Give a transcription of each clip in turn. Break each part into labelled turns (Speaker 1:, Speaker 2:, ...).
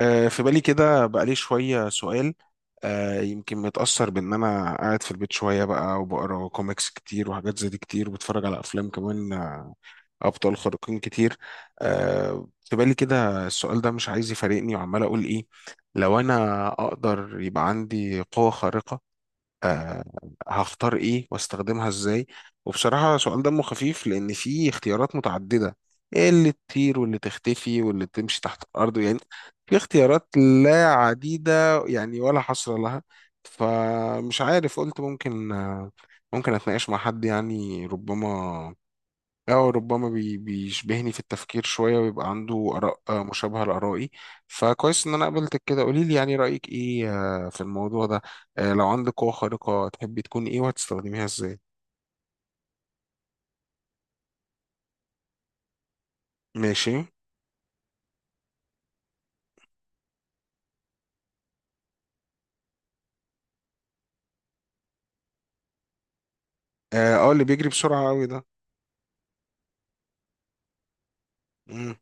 Speaker 1: في بالي كده بقالي شوية سؤال. يمكن متأثر بإن أنا قاعد في البيت شوية بقى وبقرا كوميكس كتير وحاجات زي دي كتير وبتفرج على أفلام كمان، أبطال خارقين كتير. في بالي كده السؤال ده مش عايز يفارقني وعمال أقول إيه، لو أنا أقدر يبقى عندي قوة خارقة، آه، هختار ايه واستخدمها ازاي؟ وبصراحة سؤال دمه خفيف لان في اختيارات متعددة، ايه اللي تطير واللي تختفي واللي تمشي تحت الارض يعني. في اختيارات لا عديدة يعني ولا حصر لها. فمش عارف، قلت ممكن ممكن اتناقش مع حد يعني ربما، أو ربما بيشبهني في التفكير شوية ويبقى عنده آراء مشابهة لآرائي. فكويس إن أنا قابلتك كده، قولي لي يعني رأيك إيه في الموضوع ده. لو عندك قوة خارقة تحبي تكوني إيه وهتستخدميها إزاي؟ ماشي. أه اللي بيجري بسرعة أوي ده. مم.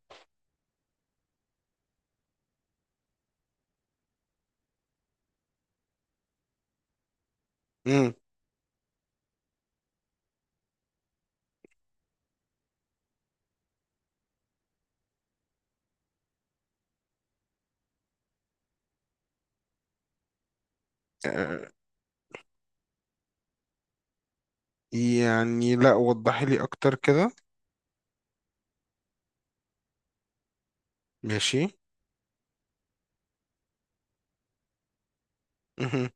Speaker 1: مم. أه يعني، لا وضحي لي أكتر كده. ماشي. مهم.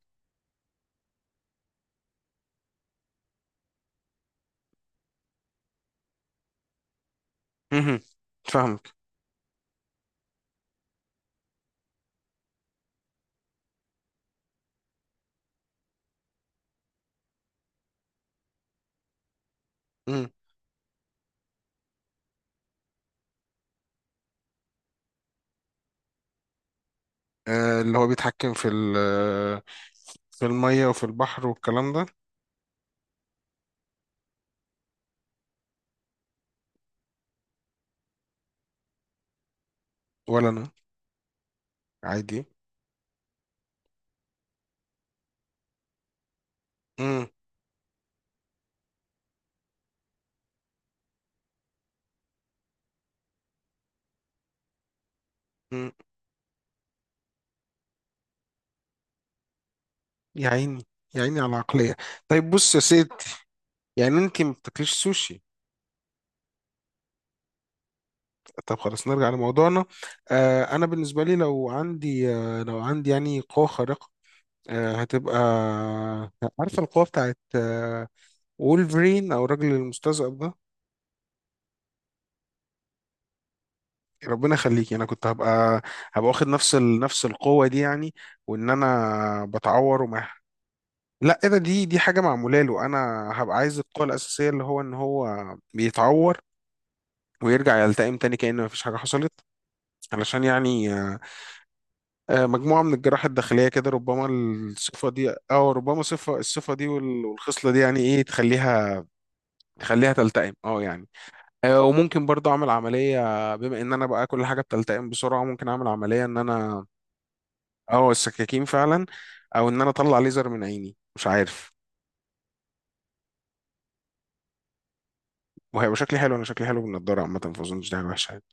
Speaker 1: مهم. فاهمك. مم. أه اللي هو بيتحكم في ال... في المية وفي البحر والكلام ده. ولا أنا. عادي. مم. يا عيني. يا عيني على العقلية. طيب بص يا سيد، يعني انت ما بتاكليش سوشي؟ طب خلاص نرجع لموضوعنا. آه انا بالنسبة لي لو عندي، آه لو عندي يعني قوة خارقة، آه هتبقى... عارفة القوة بتاعت آه، وولفرين او الراجل المستذئب ده. ربنا يخليكي، انا كنت هبقى... هبقى واخد نفس ال... نفس القوة دي يعني. وان انا بتعور وما... لا ايه ده، دي حاجة معمولة له، انا هبقى عايز القوة الأساسية اللي هو ان هو بيتعور ويرجع يلتئم تاني كأن مفيش حاجة حصلت. علشان يعني مجموعة من الجراحة الداخلية كده، ربما الصفة دي أو ربما صفة الصفة دي والخصلة دي يعني إيه، تخليها تلتئم أه يعني. وممكن برضه أعمل عملية، بما إن أنا بقى كل حاجة بتلتئم بسرعة ممكن أعمل عملية إن أنا... أه السكاكين فعلا. أو إن أنا أطلع ليزر من عيني مش عارف. وهيبقى شكلي حلو، أنا شكلي حلو بالنضارة عامة فأظنش دي حاجة وحشة يعني.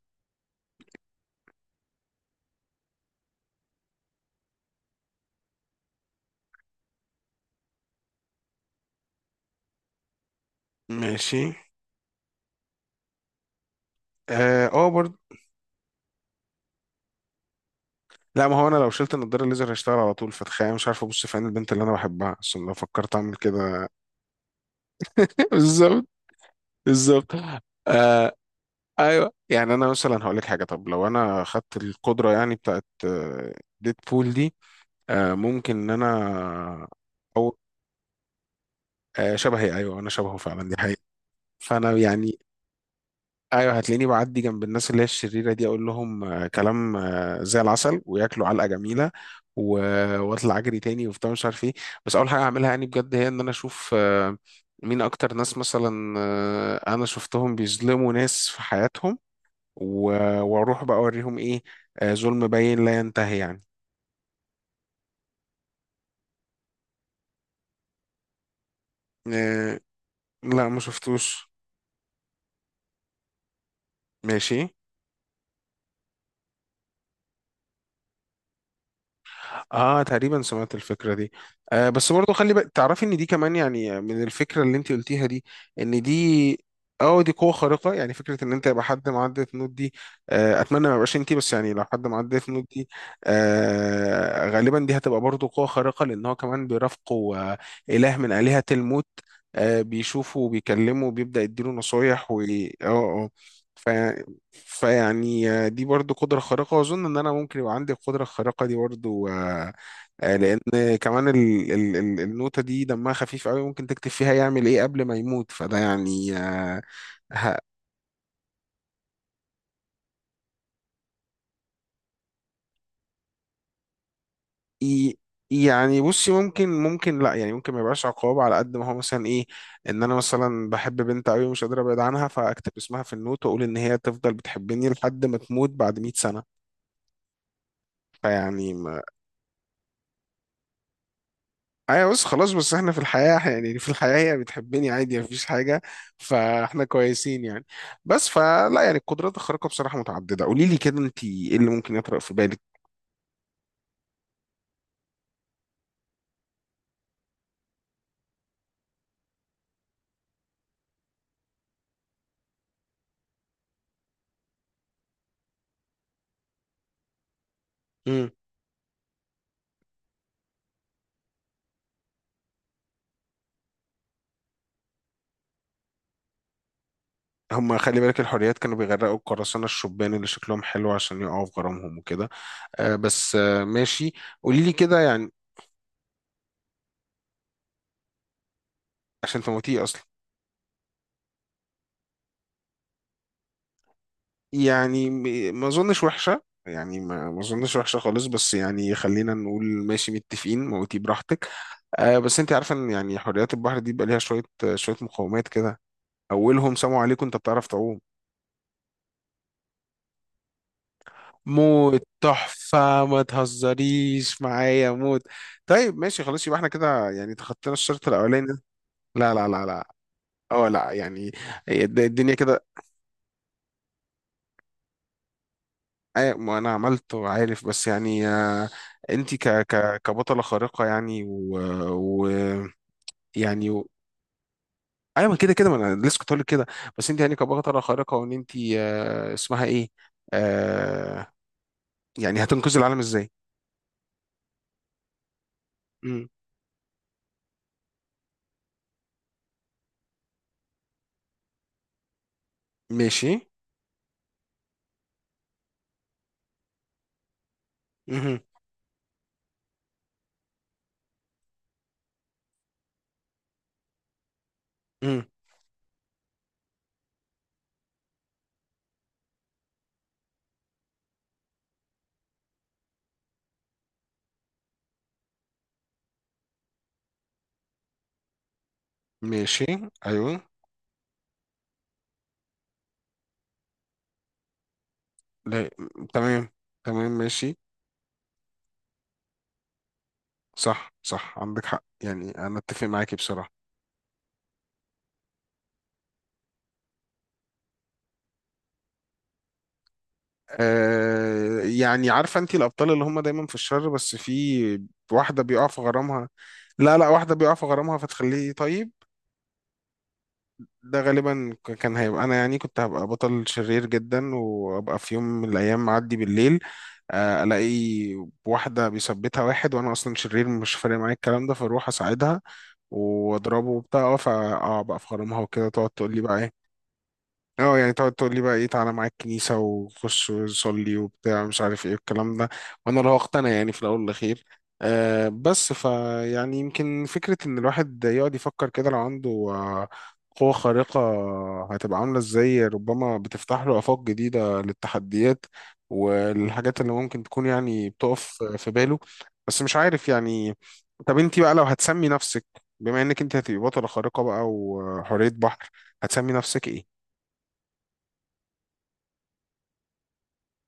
Speaker 1: ماشي. اه برضه. لا ما هو انا لو شلت النضاره الليزر هيشتغل على طول، فتخيل مش عارف ابص في عين البنت اللي انا بحبها اصلا لو فكرت اعمل كده. بالظبط. بالظبط. آه. ايوه يعني انا مثلا هقول لك حاجه، طب لو انا خدت القدره يعني بتاعت ديد بول دي، آه ممكن ان انا... او آه شبهي، ايوه انا شبهه فعلا دي حقيقه. فانا يعني، ايوه هتلاقيني بعدي جنب الناس اللي هي الشريره دي، اقول لهم كلام زي العسل وياكلوا علقه جميله، واطلع اجري تاني وبتاع مش عارف ايه. بس اول حاجه اعملها يعني بجد هي ان انا اشوف مين اكتر ناس مثلا، انا شفتهم بيظلموا ناس في حياتهم، واروح بقى اوريهم ايه، ظلم باين لا ينتهي يعني. آه، لا ما شفتوش. ماشي. اه تقريبا سمعت الفكره دي. آه بس برضو خلي بقى تعرفي ان دي كمان يعني من الفكره اللي انت قلتيها دي، ان دي... اه دي قوه خارقه يعني، فكره ان انت يبقى حد معاه ديث نوت دي. آه اتمنى ما يبقاش انت، بس يعني لو حد معاه ديث نوت دي، آه غالبا دي هتبقى برضو قوه خارقه لان هو كمان بيرافقه آه اله من الهه الموت، آه بيشوفه وبيكلمه وبيبدا يديله نصايح و اه. اه. ف... فيعني دي برضو قدرة خارقة وأظن إن أنا ممكن يبقى عندي القدرة الخارقة دي برضو، لان كمان ال النوتة دي دمها خفيف قوي، ممكن تكتب فيها يعمل ايه قبل ما يموت، فده يعني ه- إي- يعني بصي، ممكن لا يعني ممكن ما يبقاش عقاب على قد ما هو مثلا ايه. ان انا مثلا بحب بنت قوي ومش قادر ابعد عنها، فاكتب اسمها في النوت واقول ان هي تفضل بتحبني لحد ما تموت بعد 100 سنة. فيعني ايوه بس خلاص، بس احنا في الحياة يعني في الحياة هي بتحبني عادي مفيش حاجة. فاحنا كويسين يعني. بس فلا يعني، القدرات الخارقة بصراحة متعددة، قولي لي كده انت ايه اللي ممكن يطرق في بالك. امم. هم خلي بالك، الحريات كانوا بيغرقوا القراصنة الشبان اللي شكلهم حلو عشان يقعوا في غرامهم وكده. آه بس آه ماشي، قولي لي كده يعني. عشان تموتيه اصلا. يعني ما اظنش وحشة. يعني ما اظنش وحشة خالص، بس يعني خلينا نقول ماشي متفقين موتيه براحتك. آه بس انت عارفه ان يعني حريات البحر دي بيبقى ليها شويه... شويه مقومات كده. اولهم سموا عليك، انت بتعرف تعوم؟ موت تحفه، ما تهزريش معايا، موت. طيب ماشي خلاص يبقى احنا كده يعني تخطينا الشرط الاولاني ده. لا لا لا لا. اه لا يعني الدنيا كده. آه ما انا عملت وعارف بس يعني آه. انت ك ك كبطله خارقه يعني و, و يعني. ايوه ما كده كده، ما انا لسه كنت هقول لك كده. بس انت يعني كبطله خارقه وان انت، آه اسمها ايه، آه يعني هتنقذي العالم ازاي؟ مم. ماشي. مهم. مم. ماشي. ايوه. لا. تمام. تمام ماشي. صح صح عندك حق يعني انا اتفق معاكي بصراحه. آه يعني عارفه انت الابطال اللي هم دايما في الشر بس في واحده بيقع في غرامها. لا لا واحده بيقع في غرامها فتخليه طيب. ده غالبا كان هيبقى انا يعني، كنت هبقى بطل شرير جدا وابقى في يوم من الايام معدي بالليل، الاقي واحده بيثبتها واحد وانا اصلا شرير مش فارق معايا الكلام ده، فاروح اساعدها واضربه وبتاع اه فا اه بقى في غرامها وكده تقعد تقول لي بقى ايه. اه يعني تقعد تقول لي بقى ايه، تعالى معاك الكنيسة وخش وصلي وبتاع مش عارف ايه الكلام ده. وانا لو اقتنع يعني في الاول والاخير. آه بس فيعني يمكن فكرة ان الواحد يقعد يفكر كده لو عنده قوة خارقة هتبقى عاملة ازاي، ربما بتفتح له آفاق جديدة للتحديات والحاجات اللي ممكن تكون يعني بتقف في باله. بس مش عارف يعني. طب انت بقى لو هتسمي نفسك، بما انك انت هتبقي بطلة خارقة بقى وحورية بحر، هتسمي نفسك ايه؟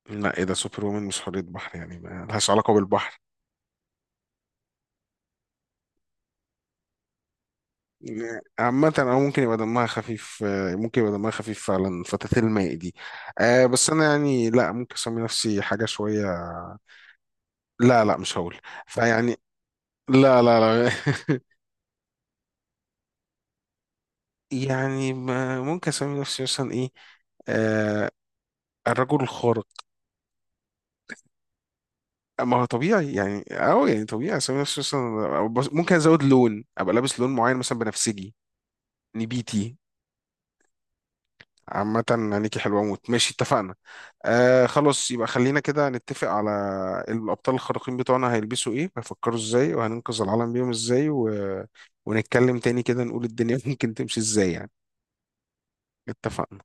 Speaker 1: لا ايه ده، سوبر وومن مش حورية بحر يعني ما لهاش علاقة بالبحر. عامة أو ممكن يبقى دمها خفيف، ممكن يبقى دمها خفيف فعلا، فتاة الماء دي. أه بس أنا يعني لا ممكن أسمي نفسي حاجة شوية. لا لا مش هقول. فيعني. لا لا لا. يعني ممكن أسمي نفسي مثلا إيه، آه الرجل الخارق. ما هو طبيعي يعني، أو يعني طبيعي أسمي نفسي مثلا، أو ممكن أزود لون أبقى لابس لون معين مثلا بنفسجي، نبيتي. عامة نانيكي حلوة موت، ماشي اتفقنا. آه خلاص يبقى خلينا كده نتفق على الأبطال الخارقين بتوعنا هيلبسوا ايه هيفكروا ازاي وهننقذ العالم بيهم ازاي و... ونتكلم تاني كده نقول الدنيا ممكن تمشي ازاي يعني. اتفقنا.